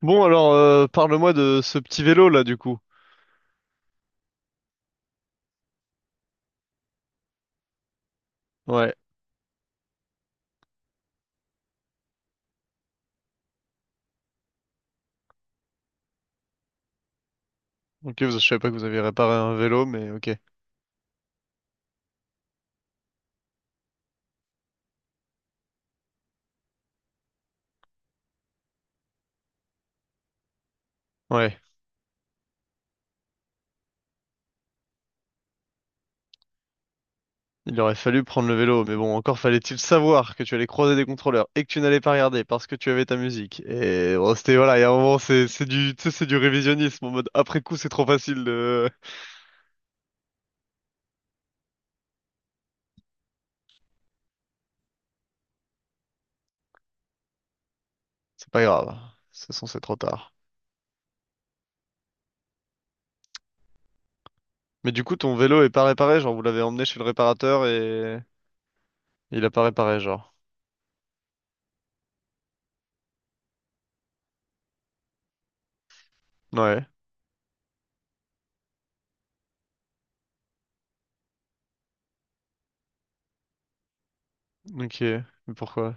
Bon, alors, parle-moi de ce petit vélo là, du coup. Ouais. Ok, je savais pas que vous aviez réparé un vélo, mais ok. Ouais. Il aurait fallu prendre le vélo, mais bon, encore fallait-il savoir que tu allais croiser des contrôleurs et que tu n'allais pas regarder parce que tu avais ta musique. Et bon, c'était, voilà, il y a un moment, tu sais, c'est du révisionnisme en mode après coup, c'est trop facile de. C'est pas grave. De toute façon, c'est trop tard. Mais du coup, ton vélo est pas réparé, genre, vous l'avez emmené chez le réparateur et il a pas réparé, genre. Ouais. Ok. Mais pourquoi?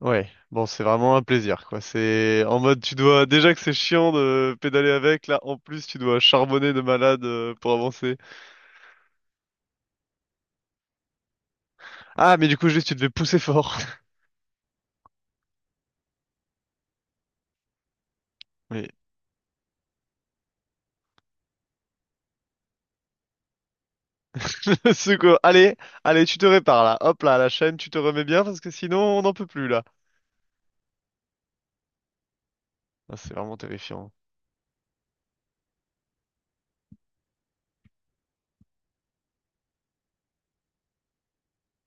Ouais, bon, c'est vraiment un plaisir, quoi. C'est en mode, tu dois, déjà que c'est chiant de pédaler avec, là, en plus, tu dois charbonner de malade pour avancer. Ah, mais du coup, juste, tu devais pousser fort. Mais, c'est quoi? Allez, allez, tu te répares, là. Hop, là, la chaîne, tu te remets bien, parce que sinon, on n'en peut plus, là. Ah, c'est vraiment terrifiant.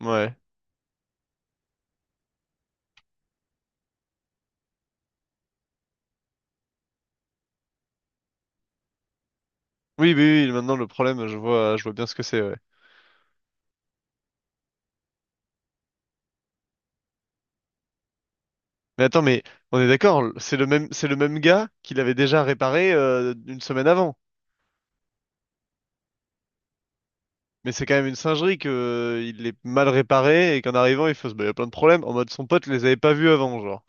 Ouais. Oui, oui, oui, maintenant, le problème, je vois bien ce que c'est, ouais. Mais attends, mais on est d'accord, c'est le même gars qui l'avait déjà réparé une semaine avant. Mais c'est quand même une singerie que il est mal réparé et qu'en arrivant, bah, il y a plein de problèmes. En mode, son pote les avait pas vus avant, genre.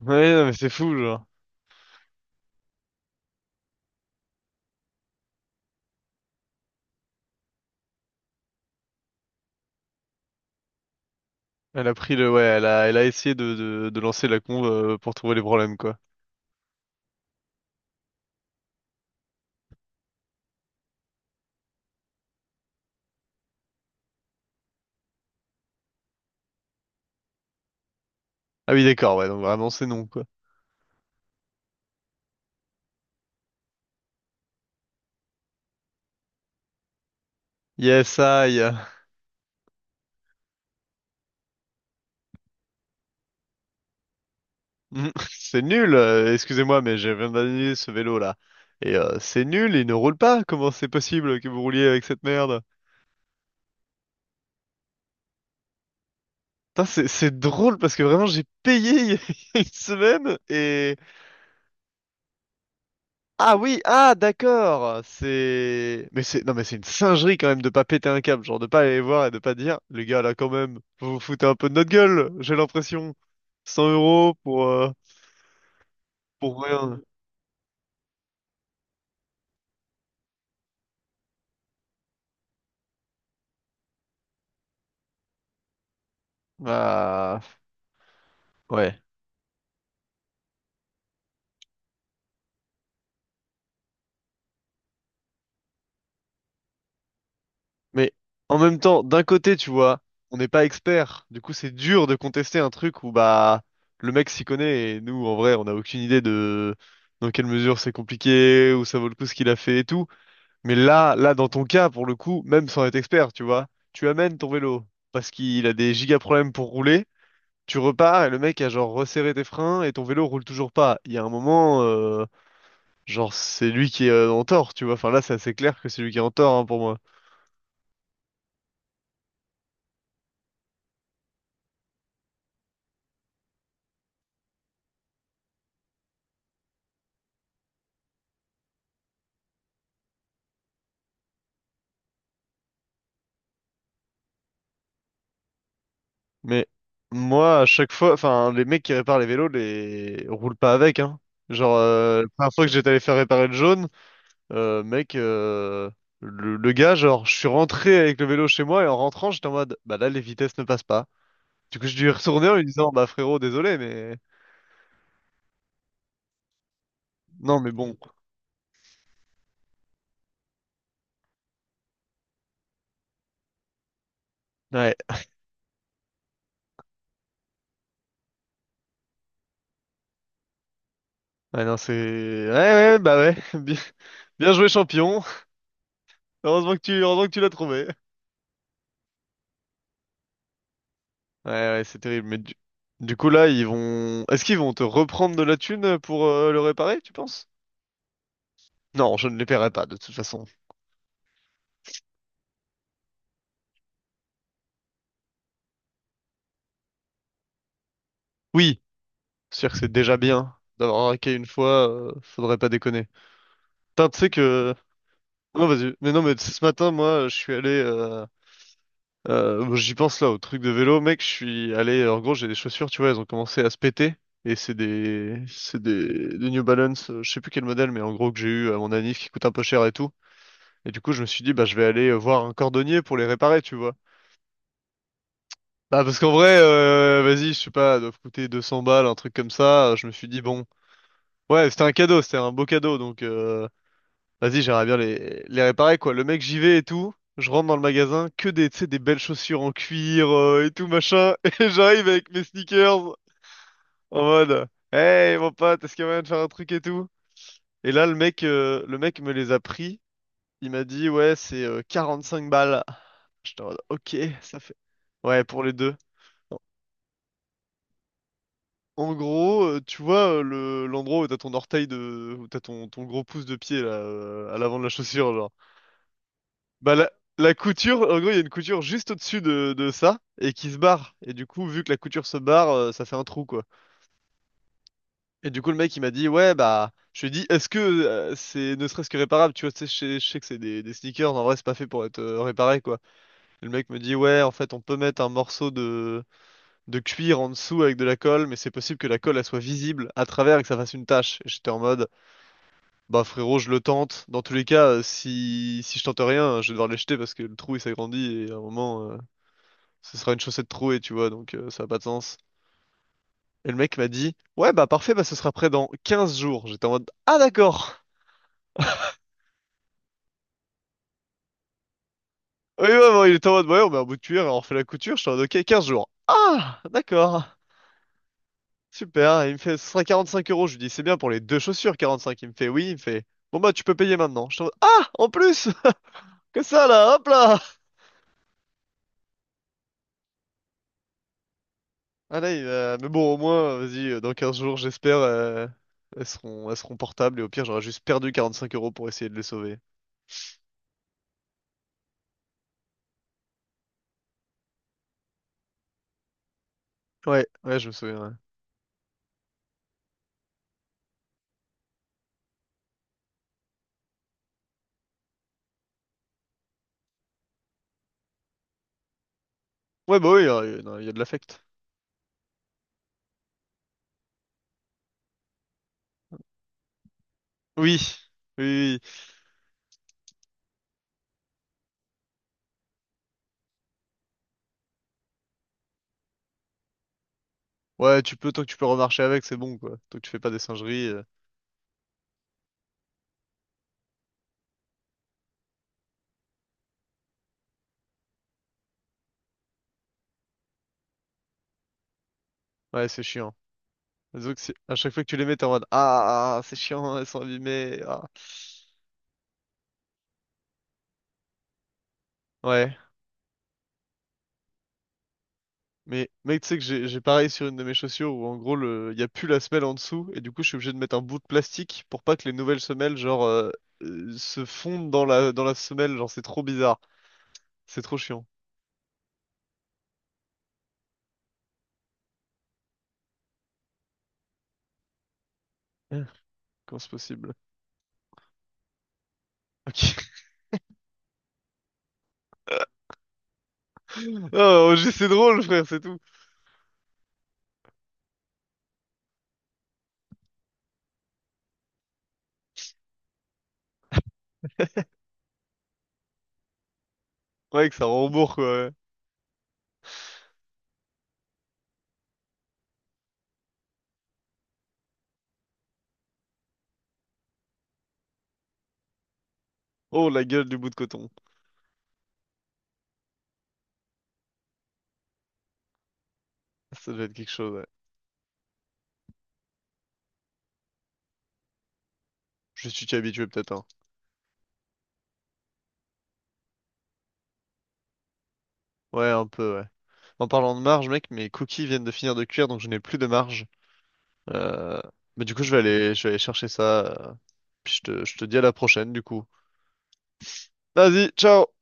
Ouais, non, mais c'est fou, genre. Elle a pris le... Ouais, elle a essayé de lancer la conve pour trouver les problèmes, quoi. Ah oui, d'accord, ouais, donc vraiment, c'est non, quoi. Yes, aïe. C'est nul, excusez-moi, mais j'ai viens d'annuler ce vélo-là. Et c'est nul, il ne roule pas. Comment c'est possible que vous rouliez avec cette merde? Putain, c'est drôle parce que vraiment, j'ai payé il y a une semaine et. Ah oui, ah d'accord, c'est. Mais c'est. Non mais c'est une singerie quand même de pas péter un câble, genre de pas aller voir et de pas dire, les gars là quand même, vous vous foutez un peu de notre gueule, j'ai l'impression, 100 € pour rien. Bah ouais. Mais en même temps, d'un côté tu vois, on n'est pas experts, du coup c'est dur de contester un truc où bah le mec s'y connaît et nous en vrai on n'a aucune idée de dans quelle mesure c'est compliqué, où ça vaut le coup ce qu'il a fait et tout. Mais là, là, dans ton cas, pour le coup, même sans être expert, tu vois, tu amènes ton vélo parce qu'il a des giga problèmes pour rouler. Tu repars et le mec a genre resserré tes freins et ton vélo roule toujours pas. Il y a un moment, genre c'est lui qui est en tort, tu vois. Enfin là, c'est assez clair que c'est lui qui est en tort hein, pour moi. Mais moi, à chaque fois, enfin les mecs qui réparent les vélos, les roulent pas avec, hein. Genre la première fois que j'étais allé faire réparer le jaune. Mec, le gars, genre, je suis rentré avec le vélo chez moi et en rentrant, j'étais en mode, bah là, les vitesses ne passent pas. Du coup, je dû y retourner en lui disant, bah frérot, désolé, mais non, mais bon. Ouais, ouais, non, c'est, ouais, ouais, bah ouais, bien, bien joué, champion. Heureusement que tu l'as trouvé. Ouais, ouais, c'est terrible. Mais du coup, là, est-ce qu'ils vont te reprendre de la thune pour le réparer, tu penses? Non, je ne les paierai pas, de toute façon. Oui, c'est sûr que c'est déjà bien d'avoir raqué une fois, faudrait pas déconner. Putain, tu sais que. Non, vas-y. Mais non, mais tu sais, ce matin, moi, je suis allé. Bon, j'y pense là, au truc de vélo, mec. Je suis allé. En gros, j'ai des chaussures, tu vois, elles ont commencé à se péter. Et des New Balance, je sais plus quel modèle, mais en gros que j'ai eu à mon anniv qui coûte un peu cher et tout. Et du coup, je me suis dit, bah, je vais aller voir un cordonnier pour les réparer, tu vois. Bah, parce qu'en vrai, vas-y, je sais pas, elles doivent coûter 200 balles, un truc comme ça. Je me suis dit, bon, ouais, c'était un cadeau, c'était un beau cadeau, donc. Vas-y, j'aimerais bien les réparer, quoi. Le mec, j'y vais et tout. Je rentre dans le magasin, que des, tu sais, des belles chaussures en cuir et tout, machin. Et j'arrive avec mes sneakers en mode, hey, mon pote, est-ce qu'il y a moyen de faire un truc et tout? Et là, le mec me les a pris. Il m'a dit, ouais, c'est 45 balles. J'étais en mode, ok, ça fait. Ouais, pour les deux. En gros, tu vois, l'endroit où t'as ton orteil de, où t'as ton gros pouce de pied, là, à l'avant de la chaussure. Bah la couture, en gros, il y a une couture juste au-dessus de ça et qui se barre. Et du coup, vu que la couture se barre, ça fait un trou quoi. Et du coup, le mec il m'a dit ouais bah, je lui ai dit est-ce que c'est ne serait-ce que réparable? Tu vois, tu sais, je sais que c'est des sneakers, en vrai c'est pas fait pour être réparé quoi. Et le mec me dit ouais en fait on peut mettre un morceau de cuir en dessous avec de la colle, mais c'est possible que la colle elle soit visible à travers et que ça fasse une tache. Et j'étais en mode bah frérot je le tente. Dans tous les cas, si je tente rien, je vais devoir les jeter parce que le trou il s'agrandit et à un moment, ce sera une chaussette trouée, tu vois, donc ça n'a pas de sens. Et le mec m'a dit, ouais, bah parfait, bah ce sera prêt dans 15 jours. J'étais en mode, ah d'accord. Oui, ouais, ouais, il était en mode, ouais, on met un bout de cuir et on refait la couture. J'étais en mode, ok, 15 jours. Ah, d'accord. Super. Et il me fait, ce sera 45 euros. Je lui dis, c'est bien pour les deux chaussures, 45. Il me fait, oui, il me fait, bon bah tu peux payer maintenant. J'étais en mode, ah, en plus! Que ça là, hop là! Ah là, mais bon, au moins, vas-y, dans 15 jours, j'espère, elles seront portables et au pire, j'aurais juste perdu 45 € pour essayer de les sauver. Ouais, ouais, je me souviens. Ouais. Ouais, bah oui, non, il y a de l'affect. Oui, oui, oui. Ouais, tu peux, tant que tu peux remarcher avec, c'est bon, quoi. Tant que tu fais pas des singeries. Ouais, c'est chiant. Disons que à chaque fois que tu les mets, t'es en mode, ah, ah, ah, c'est chiant, elles sont abîmées. Ah. Ouais. Mais, mec, tu sais que j'ai pareil sur une de mes chaussures où, en gros, il y a plus la semelle en dessous et du coup, je suis obligé de mettre un bout de plastique pour pas que les nouvelles semelles, genre, se fondent dans la semelle. Genre, c'est trop bizarre. C'est trop chiant. Hein, comment c'est possible? Ok. Oh, oh, c'est drôle, frère, c'est tout. Ouais, que ça rembourre, quoi. Ouais. Oh, la gueule du bout de coton. Ça doit être quelque chose, ouais. Je suis habitué peut-être, hein. Ouais, un peu, ouais. En parlant de marge, mec, mes cookies viennent de finir de cuire, donc je n'ai plus de marge. Euh... Mais du coup, je vais aller chercher ça. Puis je te dis à la prochaine, du coup. Vas-y, ciao!